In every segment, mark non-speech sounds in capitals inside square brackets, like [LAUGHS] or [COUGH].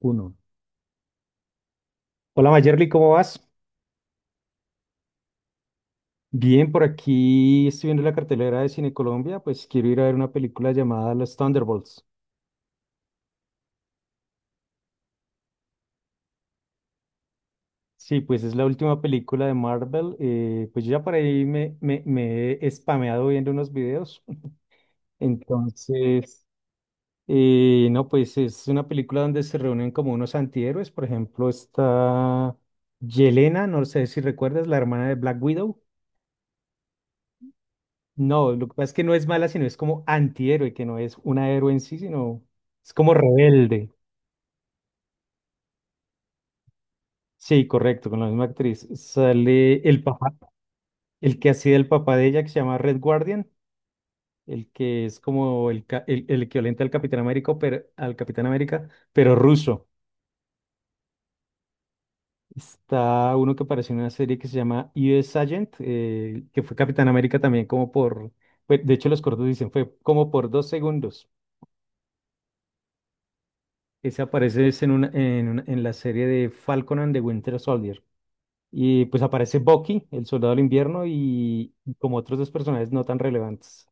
Uno. Hola Mayerly, ¿cómo vas? Bien, por aquí estoy viendo la cartelera de Cine Colombia, pues quiero ir a ver una película llamada Los Thunderbolts. Sí, pues es la última película de Marvel. Pues yo ya por ahí me he spameado viendo unos videos. [LAUGHS] Entonces, no, pues es una película donde se reúnen como unos antihéroes. Por ejemplo, está Yelena, no sé si recuerdas, la hermana de Black Widow. No, lo que pasa es que no es mala, sino es como antihéroe, que no es una héroe en sí, sino es como rebelde. Sí, correcto, con la misma actriz. Sale el papá, el que hacía el papá de ella, que se llama Red Guardian, el que es como el equivalente al Capitán América, pero, al Capitán América, pero ruso. Está uno que apareció en una serie que se llama US Agent, que fue Capitán América también como por, de hecho los cortos dicen, fue como por 2 segundos. Ese aparece es en la serie de Falcon and the Winter Soldier. Y pues aparece Bucky, el soldado del invierno, y como otros dos personajes no tan relevantes.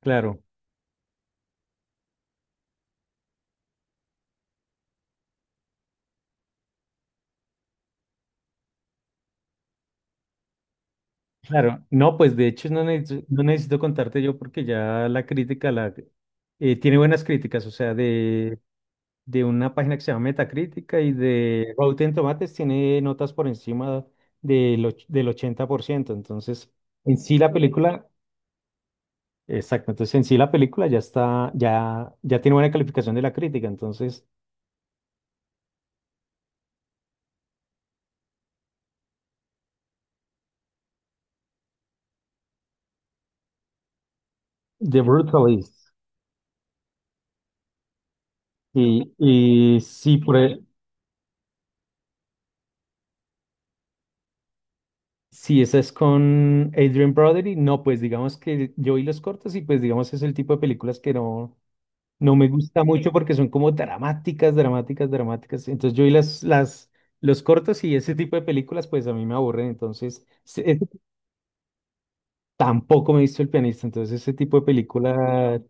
Claro, claro. No, pues de hecho no necesito, no necesito contarte yo porque ya la crítica tiene buenas críticas, o sea, de una página que se llama Metacrítica y de Rotten Tomatoes tiene notas por encima del 80%. Entonces, en sí la película Exacto, entonces en sí la película ya está, ya tiene buena calificación de la crítica, entonces The Brutalist. Y sí, si esa es con Adrian Brody, no, pues digamos que yo vi los cortos y pues digamos es el tipo de películas que no me gusta mucho porque son como dramáticas, dramáticas, dramáticas. Entonces yo vi los cortos y ese tipo de películas pues a mí me aburren, entonces tampoco me he visto El Pianista, entonces ese tipo de película.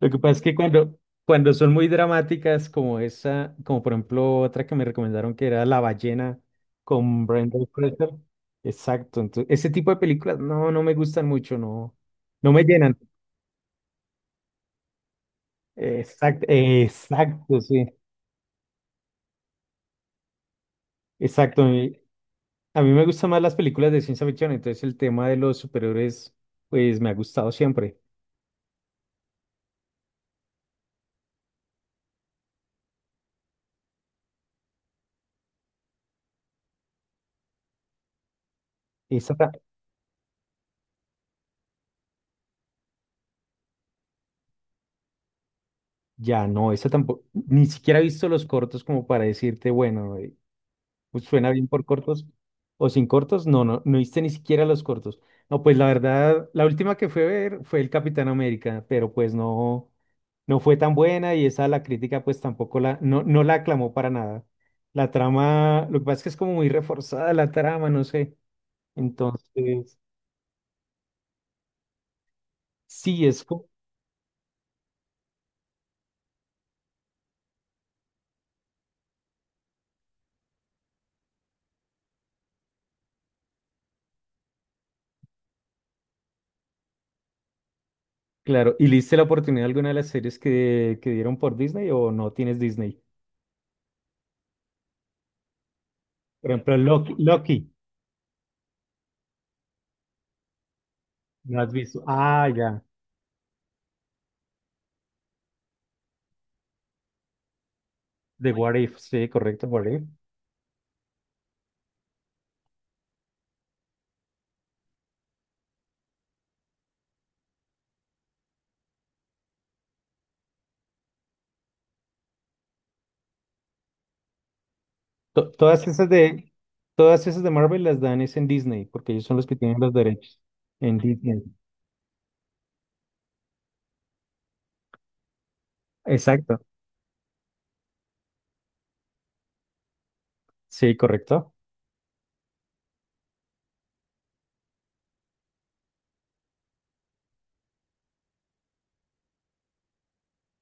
Lo que pasa es que cuando son muy dramáticas, como esa, como por ejemplo otra que me recomendaron que era La ballena con Brendan Fraser. Exacto. Entonces, ese tipo de películas no me gustan mucho, no me llenan. Exacto, exacto, sí. Exacto. Y a mí me gustan más las películas de ciencia ficción, entonces el tema de los superhéroes, pues me ha gustado siempre. Esa ta- ya no, esa tampoco, ni siquiera he visto los cortos como para decirte, bueno, pues suena bien por cortos. O sin cortos, no viste ni siquiera los cortos. No, pues la verdad, la última que fue a ver fue el Capitán América, pero pues no fue tan buena y esa la crítica pues tampoco la, no, no la aclamó para nada. La trama, lo que pasa es que es como muy reforzada la trama, no sé. Entonces, sí, claro. ¿Y le diste la oportunidad a alguna de las series que dieron por Disney o no tienes Disney? Por ejemplo, Loki, Loki, ¿no has visto? Ah, ya, The What If, sí, correcto, What If. Todas esas de, todas esas de Marvel las dan es en Disney, porque ellos son los que tienen los derechos en Disney. Exacto. Sí, correcto.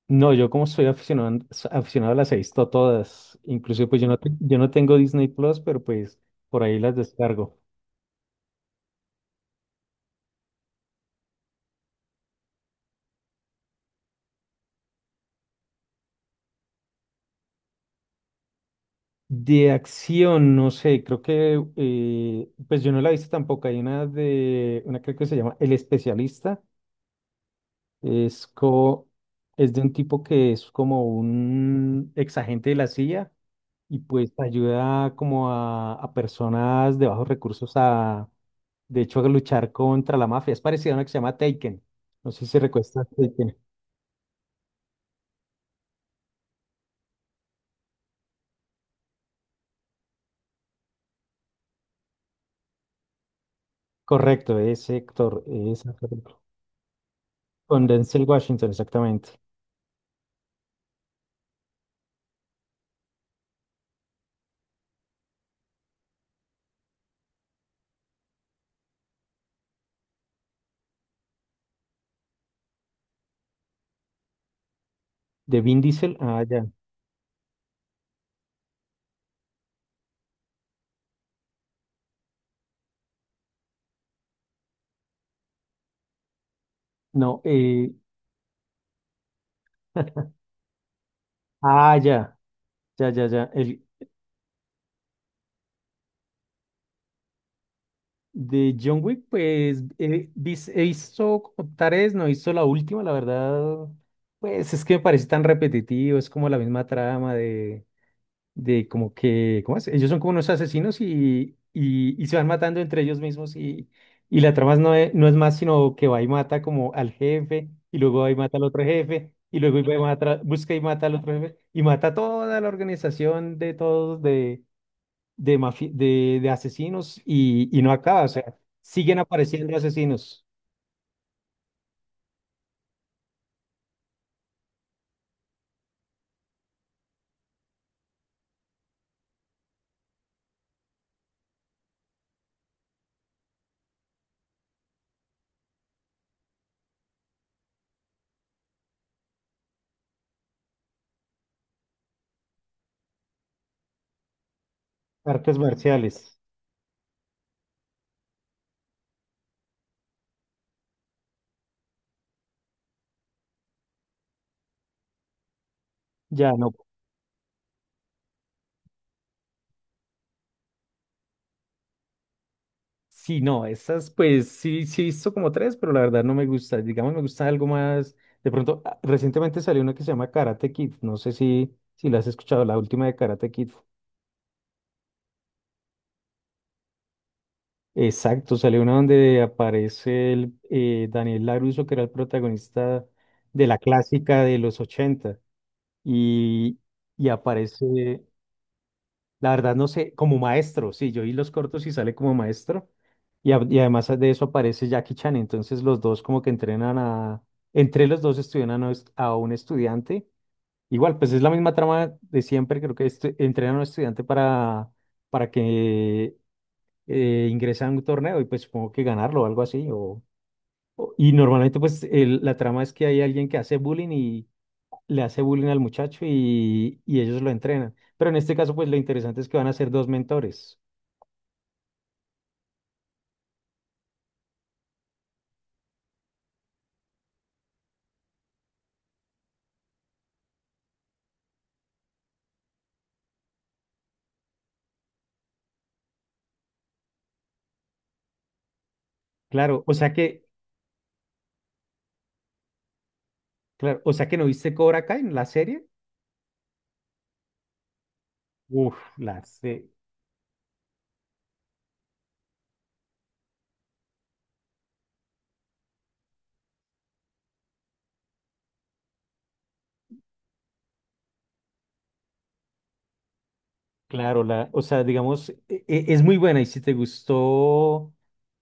No, yo como soy aficionado, aficionado las he visto todas. Incluso pues yo no tengo Disney Plus, pero pues por ahí las descargo. De acción, no sé, creo que pues yo no la he visto tampoco. Hay una de una creo que se llama El Especialista. Es co- es de un tipo que es como un ex agente de la CIA y pues ayuda como a personas de bajos recursos a, de hecho, a luchar contra la mafia. Es parecido a una que se llama Taken. No sé si recuerdas Taken. Correcto, ese actor, esa película. Con Denzel Washington, exactamente. De Vin Diesel, ah, ya. No, [LAUGHS] ah, ya, ya, ya, ya. De John Wick, pues, hizo como tres, no hizo la última, la verdad. Pues es que me parece tan repetitivo, es como la misma trama de como que, ¿cómo es? Ellos son como unos asesinos y se van matando entre ellos mismos y la trama no es más sino que va y mata como al jefe y luego va y mata al otro jefe y luego va y busca y mata al otro jefe y mata a toda la organización de todos de asesinos y no acaba, o sea, siguen apareciendo asesinos, artes marciales, ya no. Sí, no, esas pues sí he visto como tres, pero la verdad no me gusta. Digamos, me gusta algo más. De pronto, ah, recientemente salió una que se llama Karate Kid. No sé si la has escuchado, la última de Karate Kid. Exacto, salió una donde aparece Daniel LaRusso, que era el protagonista de la clásica de los 80. Y, y aparece. La verdad no sé, como maestro, sí, yo vi los cortos y sale como maestro. Y además de eso aparece Jackie Chan, entonces los dos como que entrenan a, entre los dos estudian a, a un estudiante. Igual, pues es la misma trama de siempre, creo que entrenan a un estudiante para que ingrese a un torneo y pues supongo que ganarlo o algo así. Y normalmente pues la trama es que hay alguien que hace bullying y le hace bullying al muchacho y ellos lo entrenan. Pero en este caso pues lo interesante es que van a ser dos mentores. Claro, o sea que, claro, o sea que no viste Cobra Kai, la serie. Uf. Claro, o sea, digamos, es muy buena y si te gustó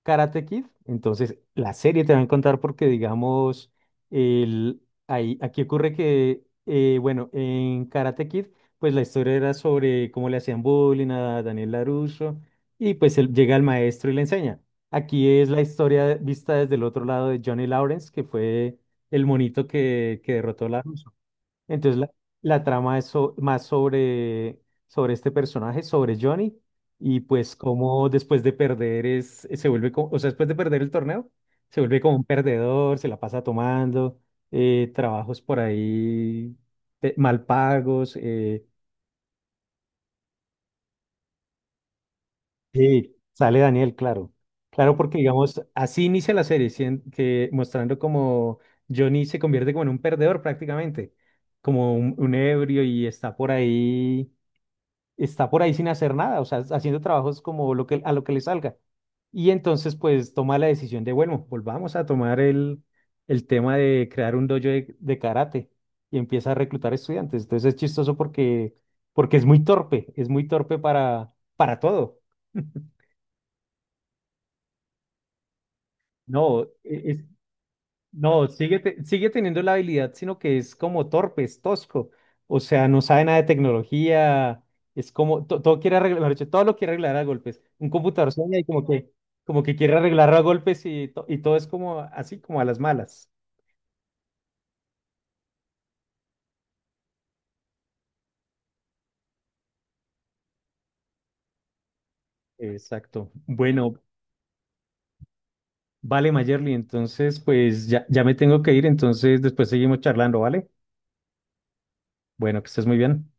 Karate Kid, entonces la serie te va a encantar porque, digamos, el, aquí ocurre que, bueno, en Karate Kid, pues la historia era sobre cómo le hacían bullying a Daniel LaRusso y pues él llega el maestro y le enseña. Aquí es la historia vista desde el otro lado de Johnny Lawrence, que fue el monito que derrotó a LaRusso. Entonces la trama más sobre este personaje, sobre Johnny, y pues cómo después de perder es, se vuelve, co- o sea, después de perder el torneo, se vuelve como un perdedor, se la pasa tomando, trabajos por ahí mal pagos. Sí, sale Daniel, claro. Claro, porque digamos, así inicia la serie, mostrando como Johnny se convierte como en un perdedor prácticamente, como un ebrio y está por ahí sin hacer nada, o sea, haciendo trabajos como a lo que le salga. Y entonces, pues, toma la decisión de, bueno, volvamos a tomar el tema de crear un dojo de karate y empieza a reclutar estudiantes. Entonces es chistoso porque es muy torpe para todo. [LAUGHS] No, es. No, sigue teniendo la habilidad, sino que es como torpe, es tosco. O sea, no sabe nada de tecnología. Es como, todo quiere arreglar, mejor dicho, todo lo quiere arreglar a golpes. Un computador sueña y como que quiere arreglarlo a golpes y todo es como así, como a las malas. Exacto. Bueno, vale, Mayerly, entonces pues ya me tengo que ir, entonces después seguimos charlando, ¿vale? Bueno, que estés muy bien.